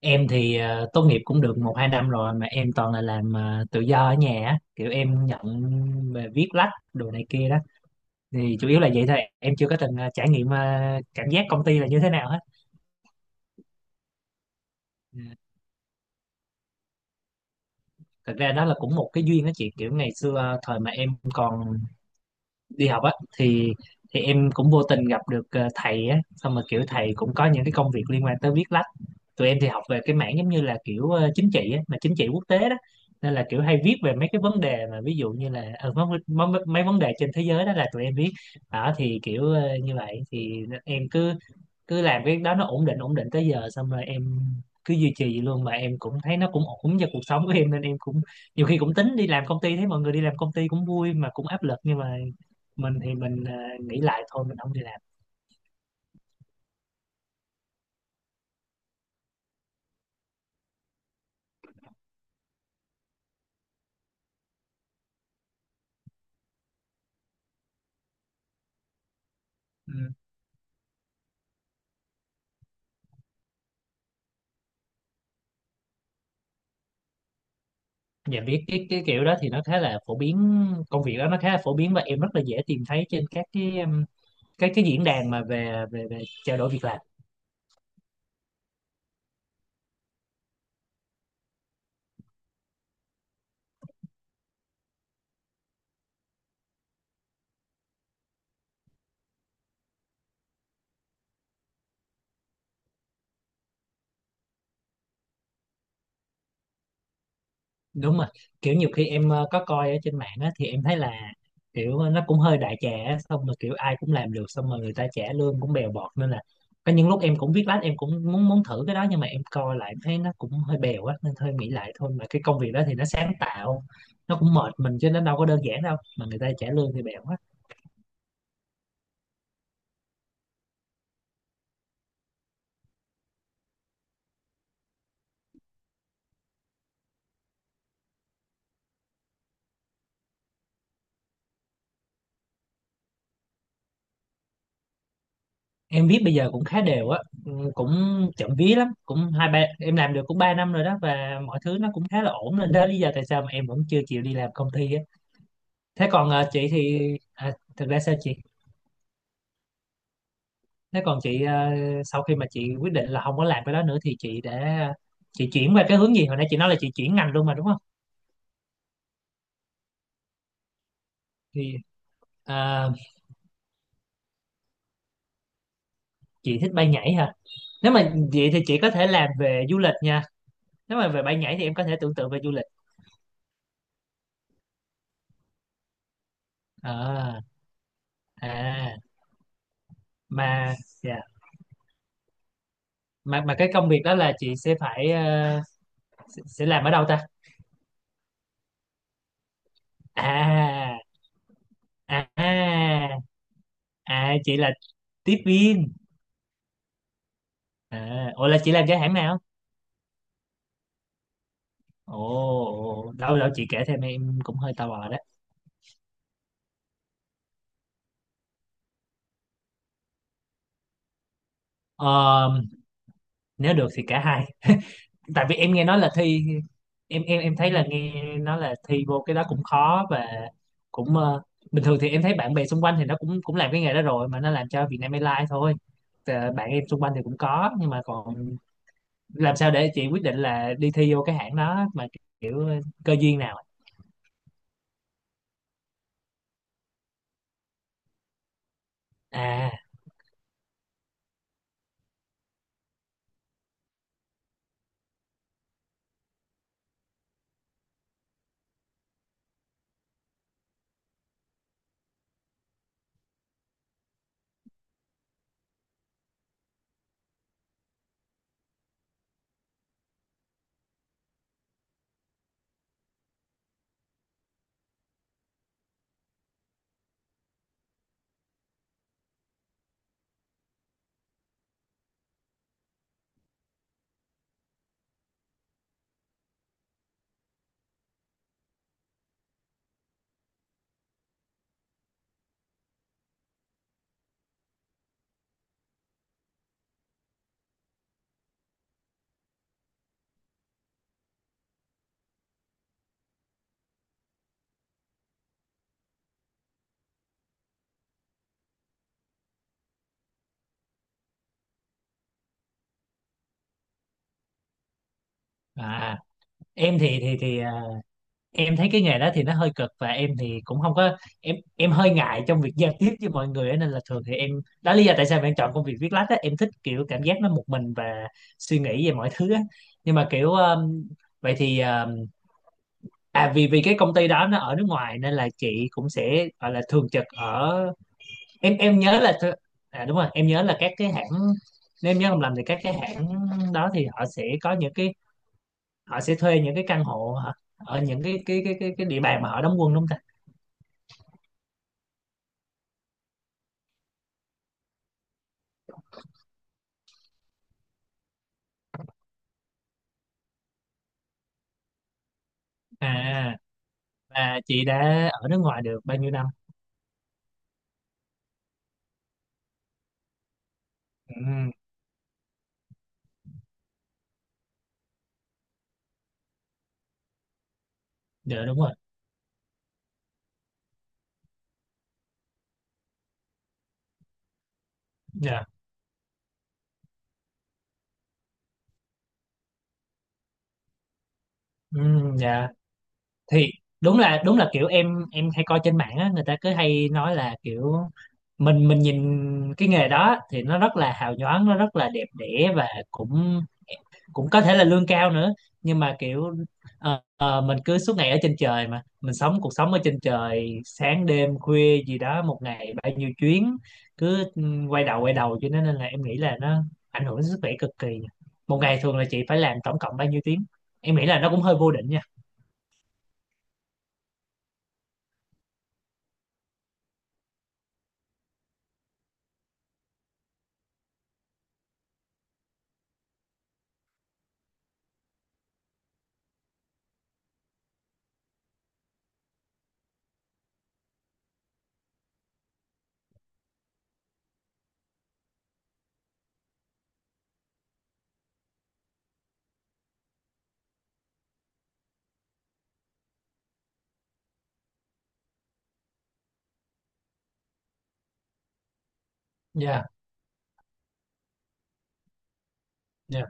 Em thì tốt nghiệp cũng được một hai năm rồi mà em toàn là làm tự do ở nhà á. Kiểu em nhận về viết lách đồ này kia đó, thì chủ yếu là vậy thôi. Em chưa có từng trải nghiệm cảm giác công ty là như thế nào hết. Ừ. Thật ra đó là cũng một cái duyên đó chị. Kiểu ngày xưa thời mà em còn đi học á, thì thì em cũng vô tình gặp được thầy á, xong mà kiểu thầy cũng có những cái công việc liên quan tới viết lách. Tụi em thì học về cái mảng giống như là kiểu chính trị á, mà chính trị quốc tế đó, nên là kiểu hay viết về mấy cái vấn đề mà ví dụ như là mấy vấn đề trên thế giới đó là tụi em viết. Đó thì kiểu như vậy thì em cứ cứ làm cái đó nó ổn định tới giờ, xong rồi em cứ duy trì vậy luôn, mà em cũng thấy nó cũng ổn cho cuộc sống của em nên em cũng nhiều khi cũng tính đi làm công ty, thấy mọi người đi làm công ty cũng vui mà cũng áp lực, nhưng mà mình thì mình nghĩ lại thôi mình không đi làm. Ừ. Dạ biết cái kiểu đó thì nó khá là phổ biến, công việc đó nó khá là phổ biến và em rất là dễ tìm thấy trên các cái cái diễn đàn mà về về về trao đổi việc làm. Đúng mà, kiểu nhiều khi em có coi ở trên mạng á, thì em thấy là kiểu nó cũng hơi đại trà á, xong rồi kiểu ai cũng làm được, xong rồi người ta trả lương cũng bèo bọt nên là có những lúc em cũng viết lách, em cũng muốn muốn thử cái đó, nhưng mà em coi lại em thấy nó cũng hơi bèo á nên thôi em nghĩ lại thôi. Mà cái công việc đó thì nó sáng tạo, nó cũng mệt mình chứ nó đâu có đơn giản đâu, mà người ta trả lương thì bèo quá. Em viết bây giờ cũng khá đều á. Ừ, cũng chậm vía lắm, cũng hai ba em làm được cũng ba năm rồi đó, và mọi thứ nó cũng khá là ổn nên đó là lý do tại sao mà em vẫn chưa chịu đi làm công ty á. Thế còn chị thì à, thực ra sao chị? Thế còn chị sau khi mà chị quyết định là không có làm cái đó nữa thì chị chuyển qua cái hướng gì? Hồi nãy chị nói là chị chuyển ngành luôn mà, đúng không? Thì ờ, chị thích bay nhảy hả? Nếu mà vậy thì chị có thể làm về du lịch nha. Nếu mà về bay nhảy thì em có thể tưởng tượng về du lịch. Ờ, à mà dạ, mà cái công việc đó là chị sẽ phải sẽ làm ở đâu ta? À à à à, chị là tiếp viên. À ủa, là chị làm cho hãng nào? Ồ, đâu đâu chị kể thêm, em cũng hơi tò mò đó. Ờ, nếu được thì cả hai. Tại vì em nghe nói là thi em thấy là nghe nói là thi vô cái đó cũng khó, và cũng bình thường thì em thấy bạn bè xung quanh thì nó cũng cũng làm cái nghề đó rồi, mà nó làm cho Vietnam Airlines thôi. Ờ, bạn em xung quanh thì cũng có, nhưng mà còn làm sao để chị quyết định là đi thi vô cái hãng đó mà, kiểu cơ duyên nào ấy? à à em thì em thấy cái nghề đó thì nó hơi cực, và em thì cũng không có em hơi ngại trong việc giao tiếp với mọi người á, nên là thường thì em đó lý do tại sao mà em chọn công việc viết lách á, em thích kiểu cảm giác nó một mình và suy nghĩ về mọi thứ á. Nhưng mà kiểu vậy thì à vì vì cái công ty đó nó ở nước ngoài nên là chị cũng sẽ gọi là thường trực ở. Em nhớ là à đúng rồi em nhớ là các cái hãng nếu em nhớ không lầm thì các cái hãng đó thì họ sẽ có những cái họ sẽ thuê những cái căn hộ hả? Ở những cái địa bàn mà họ đóng quân, đúng không ta? À, và chị đã ở nước ngoài được bao nhiêu năm? Ừ, dạ đúng rồi. Dạ. Ừ, dạ, thì đúng là kiểu em hay coi trên mạng á, người ta cứ hay nói là kiểu mình nhìn cái nghề đó thì nó rất là hào nhoáng, nó rất là đẹp đẽ, và cũng cũng có thể là lương cao nữa. Nhưng mà kiểu mình cứ suốt ngày ở trên trời, mà mình sống cuộc sống ở trên trời, sáng đêm khuya gì đó, một ngày bao nhiêu chuyến cứ quay đầu quay đầu, cho nên là em nghĩ là nó ảnh hưởng đến sức khỏe cực kỳ. Một ngày thường là chị phải làm tổng cộng bao nhiêu tiếng? Em nghĩ là nó cũng hơi vô định nha. Dạ. Dạ.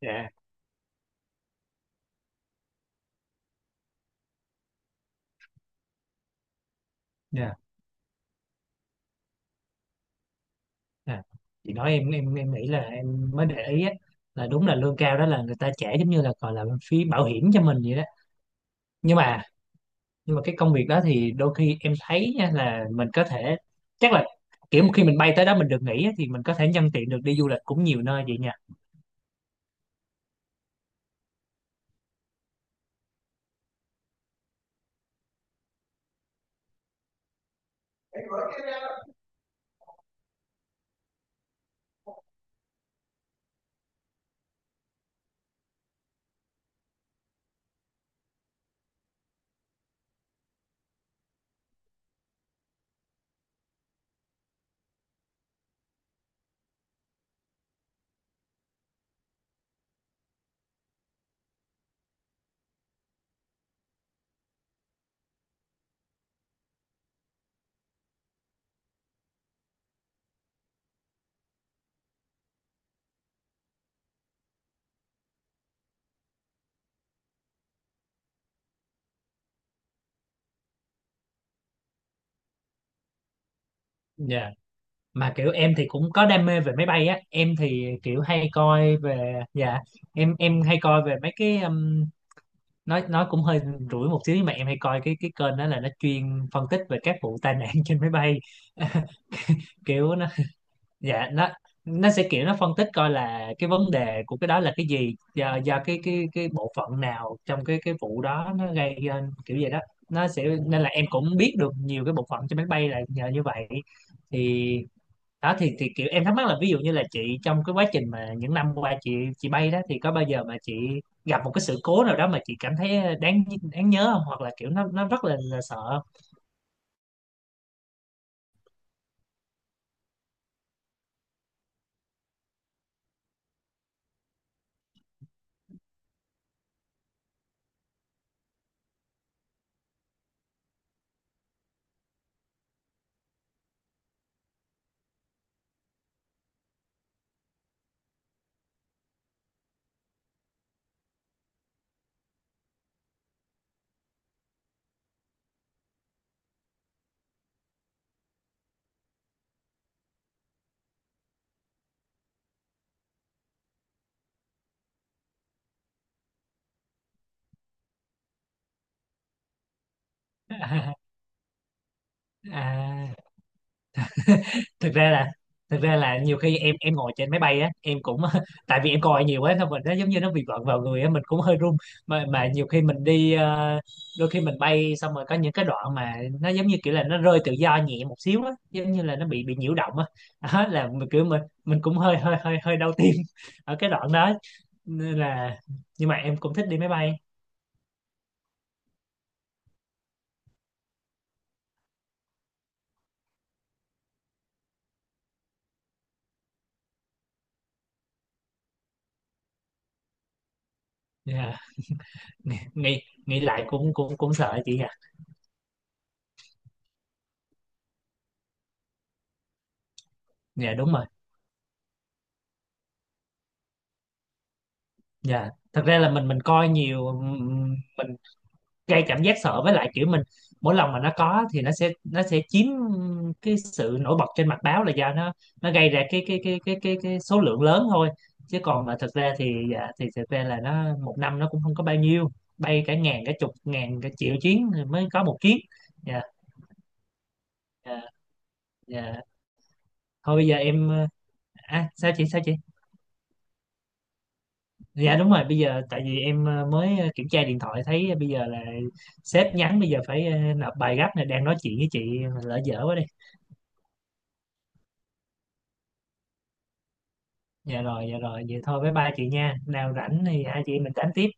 Dạ. Dạ. Dạ. Chị nói, em nghĩ là em mới để ý á, là đúng là lương cao đó là người ta trả giống như là gọi là phí bảo hiểm cho mình vậy đó. Nhưng mà nhưng mà cái công việc đó thì đôi khi em thấy nha, là mình có thể, chắc là, kiểu khi mình bay tới đó mình được nghỉ á, thì mình có thể nhân tiện được đi du lịch cũng nhiều nơi vậy nha. Dạ. Mà kiểu em thì cũng có đam mê về máy bay á, em thì kiểu hay coi về. Dạ. Em hay coi về mấy cái nói cũng hơi rủi một xíu, nhưng mà em hay coi cái kênh đó là nó chuyên phân tích về các vụ tai nạn trên máy bay. Kiểu nó, dạ, nó sẽ, kiểu nó phân tích coi là cái vấn đề của cái đó là cái gì, do cái bộ phận nào trong cái vụ đó nó gây nên, kiểu vậy đó. Nó sẽ nên là em cũng biết được nhiều cái bộ phận trên máy bay là nhờ như vậy. Thì đó, thì kiểu em thắc mắc là ví dụ như là chị, trong cái quá trình mà những năm qua chị bay đó, thì có bao giờ mà chị gặp một cái sự cố nào đó mà chị cảm thấy đáng đáng nhớ không, hoặc là kiểu nó rất là sợ không? à, thực ra là nhiều khi em ngồi trên máy bay á, em cũng tại vì em coi nhiều quá, xong rồi nó giống như nó bị vợn vào người á, mình cũng hơi run. Mà nhiều khi mình đi ờ, đôi khi mình bay xong rồi có những cái đoạn mà nó giống như kiểu là nó rơi tự do nhẹ một xíu á, giống như là nó bị nhiễu động á. Đó, là mình kiểu mình cũng hơi hơi hơi hơi đau tim ở cái đoạn đó, nên là. Nhưng mà em cũng thích đi máy bay. Dạ. nghĩ nghĩ lại cũng cũng cũng sợ chị nhỉ. Dạ đúng rồi. Dạ thật ra là mình coi nhiều, mình gây cảm giác sợ. Với lại kiểu mình, mỗi lần mà nó có thì nó sẽ chiếm cái sự nổi bật trên mặt báo là do nó gây ra cái số lượng lớn thôi. Chứ còn mà thực ra thì dạ, thì thực ra là nó một năm nó cũng không có bao nhiêu, bay cả ngàn cả chục ngàn cả triệu chuyến thì mới có một chuyến. Dạ. Dạ. Dạ. Thôi bây giờ em à, sao chị. Dạ đúng rồi, bây giờ tại vì em mới kiểm tra điện thoại, thấy bây giờ là sếp nhắn bây giờ phải nộp bài gấp, này đang nói chuyện với chị mà lỡ dở quá. Dạ rồi, dạ rồi, vậy thôi với ba chị nha, nào rảnh thì hai chị mình tám tiếp.